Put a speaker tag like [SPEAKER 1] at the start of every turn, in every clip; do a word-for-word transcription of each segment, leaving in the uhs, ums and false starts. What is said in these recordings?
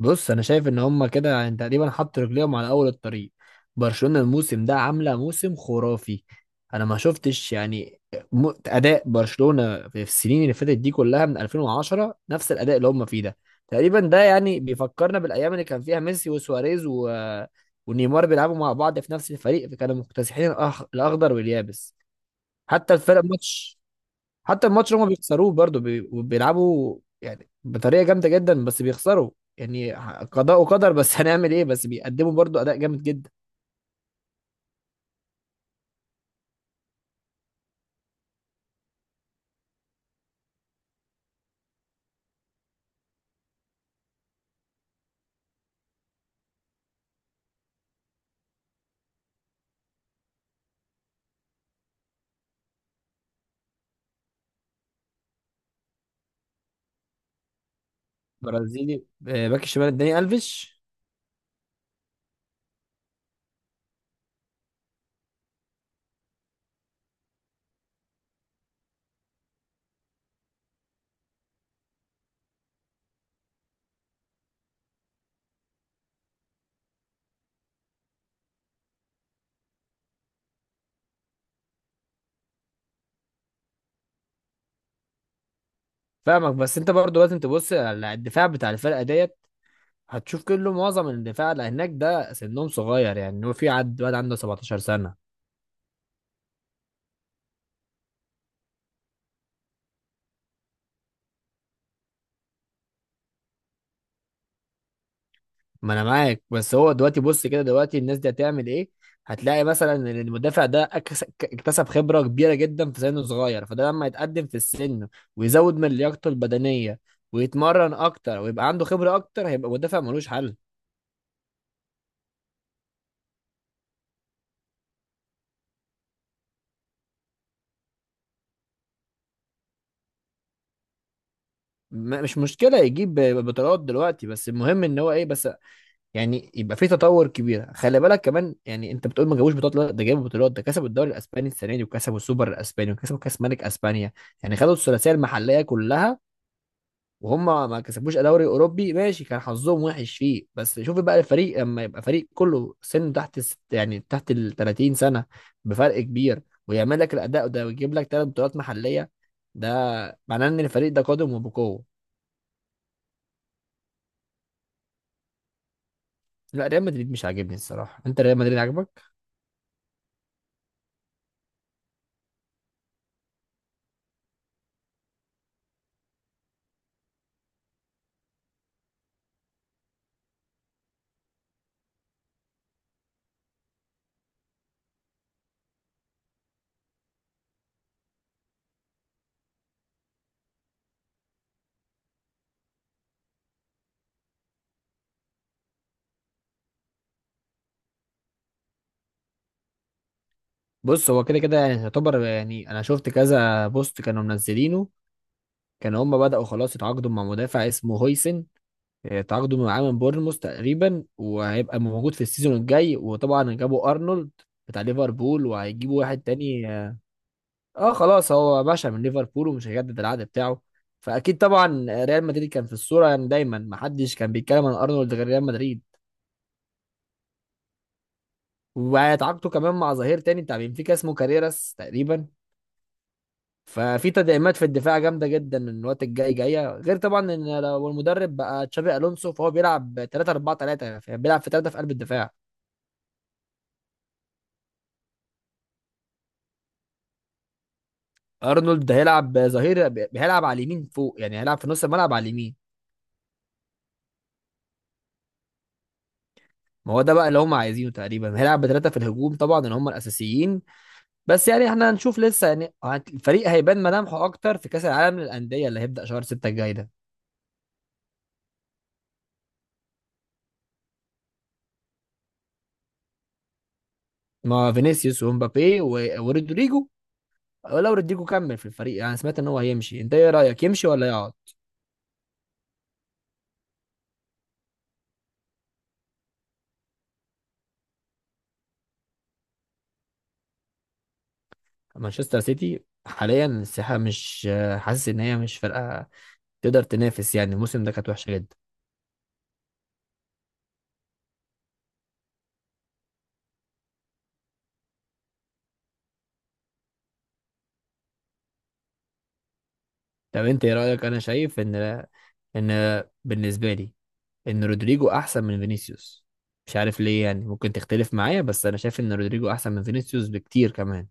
[SPEAKER 1] بص، انا شايف ان هما كده يعني تقريبا حط رجليهم على اول الطريق. برشلونة الموسم ده عاملة موسم خرافي. انا ما شفتش يعني م- اداء برشلونة في السنين اللي فاتت دي كلها من ألفين وعشرة نفس الاداء اللي هما فيه ده تقريبا. ده يعني بيفكرنا بالايام اللي كان فيها ميسي وسواريز و... ونيمار بيلعبوا مع بعض في نفس الفريق، فكانوا مكتسحين الأخ... الاخضر واليابس. حتى الفرق ماتش، حتى الماتش اللي هما بيخسروه برضه بي- بيلعبوا يعني بطريقه جامده جدا بس بيخسروا. يعني قضاء وقدر بس هنعمل ايه؟ بس بيقدموا برضه اداء جامد جدا. برازيلي آه، باك الشمال الداني الفيش. فاهمك، بس انت برضه لازم تبص على الدفاع بتاع الفرقه ديت. هتشوف كله، معظم الدفاع اللي هناك ده سنهم صغير، يعني هو في عد واد عنده سبعتاشر سنه. ما انا معاك، بس هو دلوقتي بص كده، دلوقتي الناس دي هتعمل ايه؟ هتلاقي مثلا ان المدافع ده أكس- اكتسب خبرة كبيرة جدا في سنه صغير، فده لما يتقدم في السن ويزود من لياقته البدنية ويتمرن اكتر ويبقى عنده خبرة اكتر هيبقى مدافع ملوش حل. م- مش مشكلة يجيب بطولات دلوقتي، بس المهم ان هو ايه، بس يعني يبقى في تطور كبير. خلي بالك كمان، يعني انت بتقول ما جابوش بطولات، لا، ده جابوا بطولات، ده كسبوا الدوري الاسباني السنة دي وكسبوا السوبر الاسباني وكسبوا كاس ملك اسبانيا، يعني خدوا الثلاثية المحلية كلها. وهم ما كسبوش دوري اوروبي، ماشي، كان حظهم وحش فيه. بس شوف بقى الفريق لما يبقى فريق كله سن تحت الست- يعني تحت ال تلاتين سنه بفرق كبير، ويعمل لك الاداء ده ويجيب لك ثلاث بطولات محليه، ده معناه ان الفريق ده قادم وبقوه. لا ريال مدريد مش عاجبني الصراحه، انت ريال مدريد عاجبك؟ بص، هو كده كده يعني يعتبر، يعني انا شفت كذا بوست كانوا منزلينه. كانوا هم بداوا خلاص يتعاقدوا مع مدافع اسمه هويسن، آه، تعاقدوا معاه من بورنموث تقريبا وهيبقى موجود في السيزون الجاي. وطبعا جابوا ارنولد بتاع ليفربول، وهيجيبوا واحد تاني اه. آه، خلاص، هو باشا من ليفربول ومش هيجدد العقد بتاعه، فاكيد طبعا ريال مدريد كان في الصوره. يعني دايما محدش كان بيتكلم عن ارنولد غير ريال مدريد. وهيتعاقدوا كمان مع ظهير تاني بتاع بنفيكا اسمه كاريراس تقريبا. ففي تدعيمات في الدفاع جامده جدا الوقت الجاي جايه، غير طبعا ان لو المدرب بقى تشابي الونسو فهو بيلعب تلاتة اربعة تلاتة، بيلعب في تلاتة في قلب الدفاع. ارنولد ده هيلعب ظهير، هيلعب على اليمين فوق، يعني هيلعب في نص الملعب على اليمين. ما هو ده بقى اللي هم عايزينه، تقريبا هيلعب بثلاثه في الهجوم طبعا اللي هم الاساسيين. بس يعني احنا هنشوف لسه، يعني هت- الفريق هيبان ملامحه اكتر في كاس العالم للانديه اللي هيبدا شهر ستة الجاي ده. مع فينيسيوس ومبابي و- ورودريجو، لو رودريجو كمل في الفريق. يعني سمعت ان هو هيمشي، انت ايه رايك، يمشي ولا يقعد؟ مانشستر سيتي حاليا الساحه مش حاسس ان هي مش فرقه تقدر تنافس، يعني الموسم ده كانت وحشه جدا. طب انت ايه رايك؟ انا شايف ان ان بالنسبه لي ان رودريجو احسن من فينيسيوس. مش عارف ليه، يعني ممكن تختلف معايا، بس انا شايف ان رودريجو احسن من فينيسيوس بكتير كمان.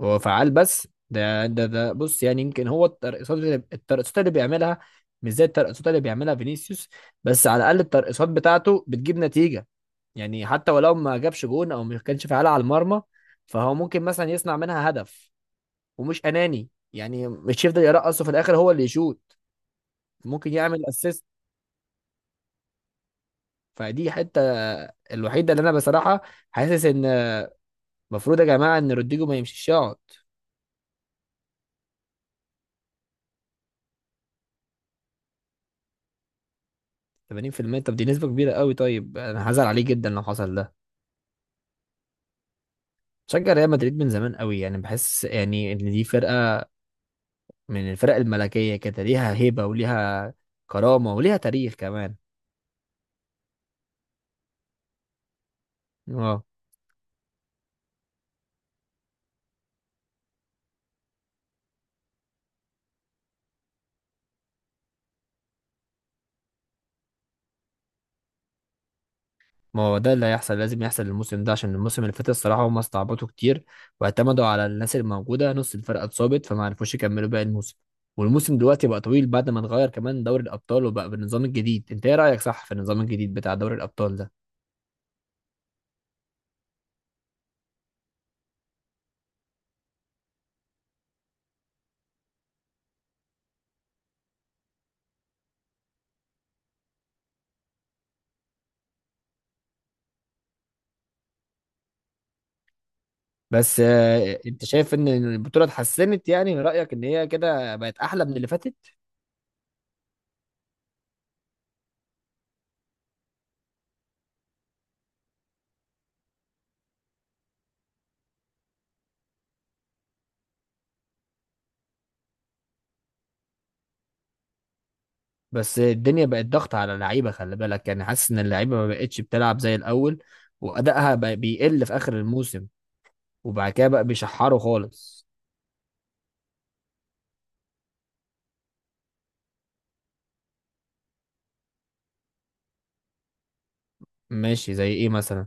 [SPEAKER 1] هو فعال، بس ده ده ده بص، يعني يمكن هو الترقصات اللي الترقصات اللي بيعملها مش زي الترقصات اللي بيعملها فينيسيوس، بس على الاقل الترقصات بتاعته بتجيب نتيجه. يعني حتى ولو ما جابش جون او ما كانش فعال على المرمى فهو ممكن مثلا يصنع منها هدف، ومش اناني، يعني مش يفضل يرقص وفي الاخر هو اللي يشوط. ممكن يعمل اسيست. فدي حته الوحيده اللي انا بصراحه حاسس ان المفروض يا جماعه ان رودريجو ما يمشيش، يقعد. تمانين بالمية طب دي نسبه كبيره قوي، طيب انا هزعل عليه جدا لو حصل ده. شجع ريال مدريد من زمان قوي، يعني بحس يعني ان دي فرقه من الفرق الملكيه كده، ليها هيبه وليها كرامه وليها تاريخ كمان. اه. ما هو ده اللي هيحصل لازم يحصل الموسم ده، عشان الموسم اللي فات الصراحة هم استعبطوا كتير واعتمدوا على الناس الموجودة. نص الفرقة اتصابت فما عرفوش يكملوا باقي الموسم. والموسم دلوقتي بقى طويل بعد ما اتغير كمان دوري الأبطال وبقى بالنظام الجديد. انت ايه رأيك، صح في النظام الجديد بتاع دوري الأبطال ده؟ بس آه، انت شايف ان البطولة اتحسنت؟ يعني من رأيك ان هي كده بقت احلى من اللي فاتت؟ بس الدنيا بقت ضغط على اللعيبة، خلي بالك، يعني حاسس ان اللعيبة ما بقتش بتلعب زي الأول، وأدائها بقى بيقل في آخر الموسم، وبعد كده بقى بيشحروا خالص. ماشي، زي ايه مثلا؟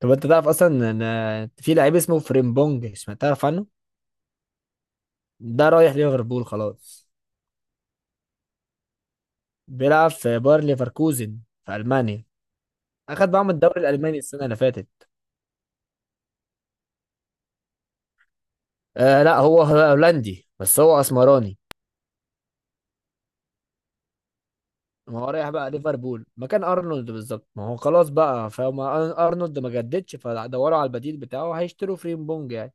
[SPEAKER 1] طب انت تعرف اصلا ان ان في لعيب اسمه فريمبونج؟ سمعت، تعرف عنه؟ ده رايح ليفربول خلاص. بيلعب في باير ليفركوزن في المانيا. اخد معاهم الدوري الالماني السنه اللي فاتت. آه لا، هو هولندي بس هو اسمراني. ما هو رايح بقى ليفربول مكان ارنولد بالظبط، ما هو خلاص بقى، فما ارنولد ما جددش فدوروا على البديل بتاعه، هيشتروا فريمبونج يعني.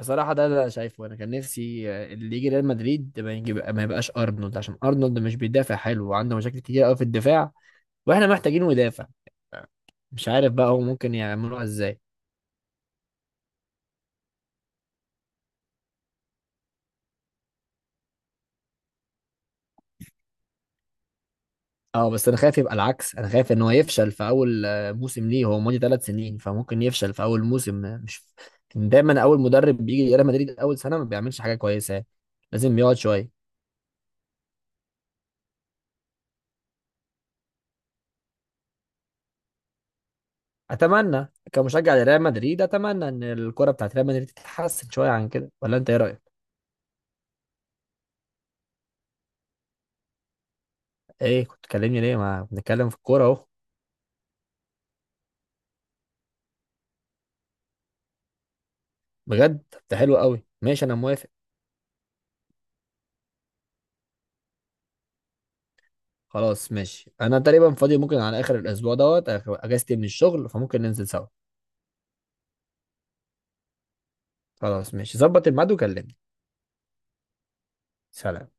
[SPEAKER 1] بصراحة ده اللي أنا شايفه، أنا كان نفسي آه، اللي يجي ريال مدريد ما يجيب، ما يبقاش أرنولد، عشان أرنولد مش بيدافع حلو وعنده مشاكل كتير أوي في الدفاع وإحنا محتاجينه يدافع. مش عارف بقى هو ممكن يعملوها إزاي. أه بس أنا خايف يبقى العكس، أنا خايف إن هو يفشل في أول آه، موسم ليه. هو ماضي ثلاث سنين فممكن يفشل في أول موسم آه، مش دايما. أول مدرب بيجي ريال مدريد أول سنة ما بيعملش حاجة كويسة، لازم يقعد شوية. أتمنى كمشجع لريال مدريد، أتمنى إن الكرة بتاعت ريال مدريد تتحسن شوية عن كده، ولا أنت إيه رأيك؟ ايه، كنت تكلمني ليه؟ ما بنتكلم في الكوره اهو. بجد؟ طب ده حلو قوي، ماشي انا موافق. خلاص ماشي، انا تقريبا فاضي، ممكن على اخر الاسبوع دوت آخر- اجازتي من الشغل فممكن ننزل سوا. خلاص ماشي، ظبط الميعاد وكلمني. سلام.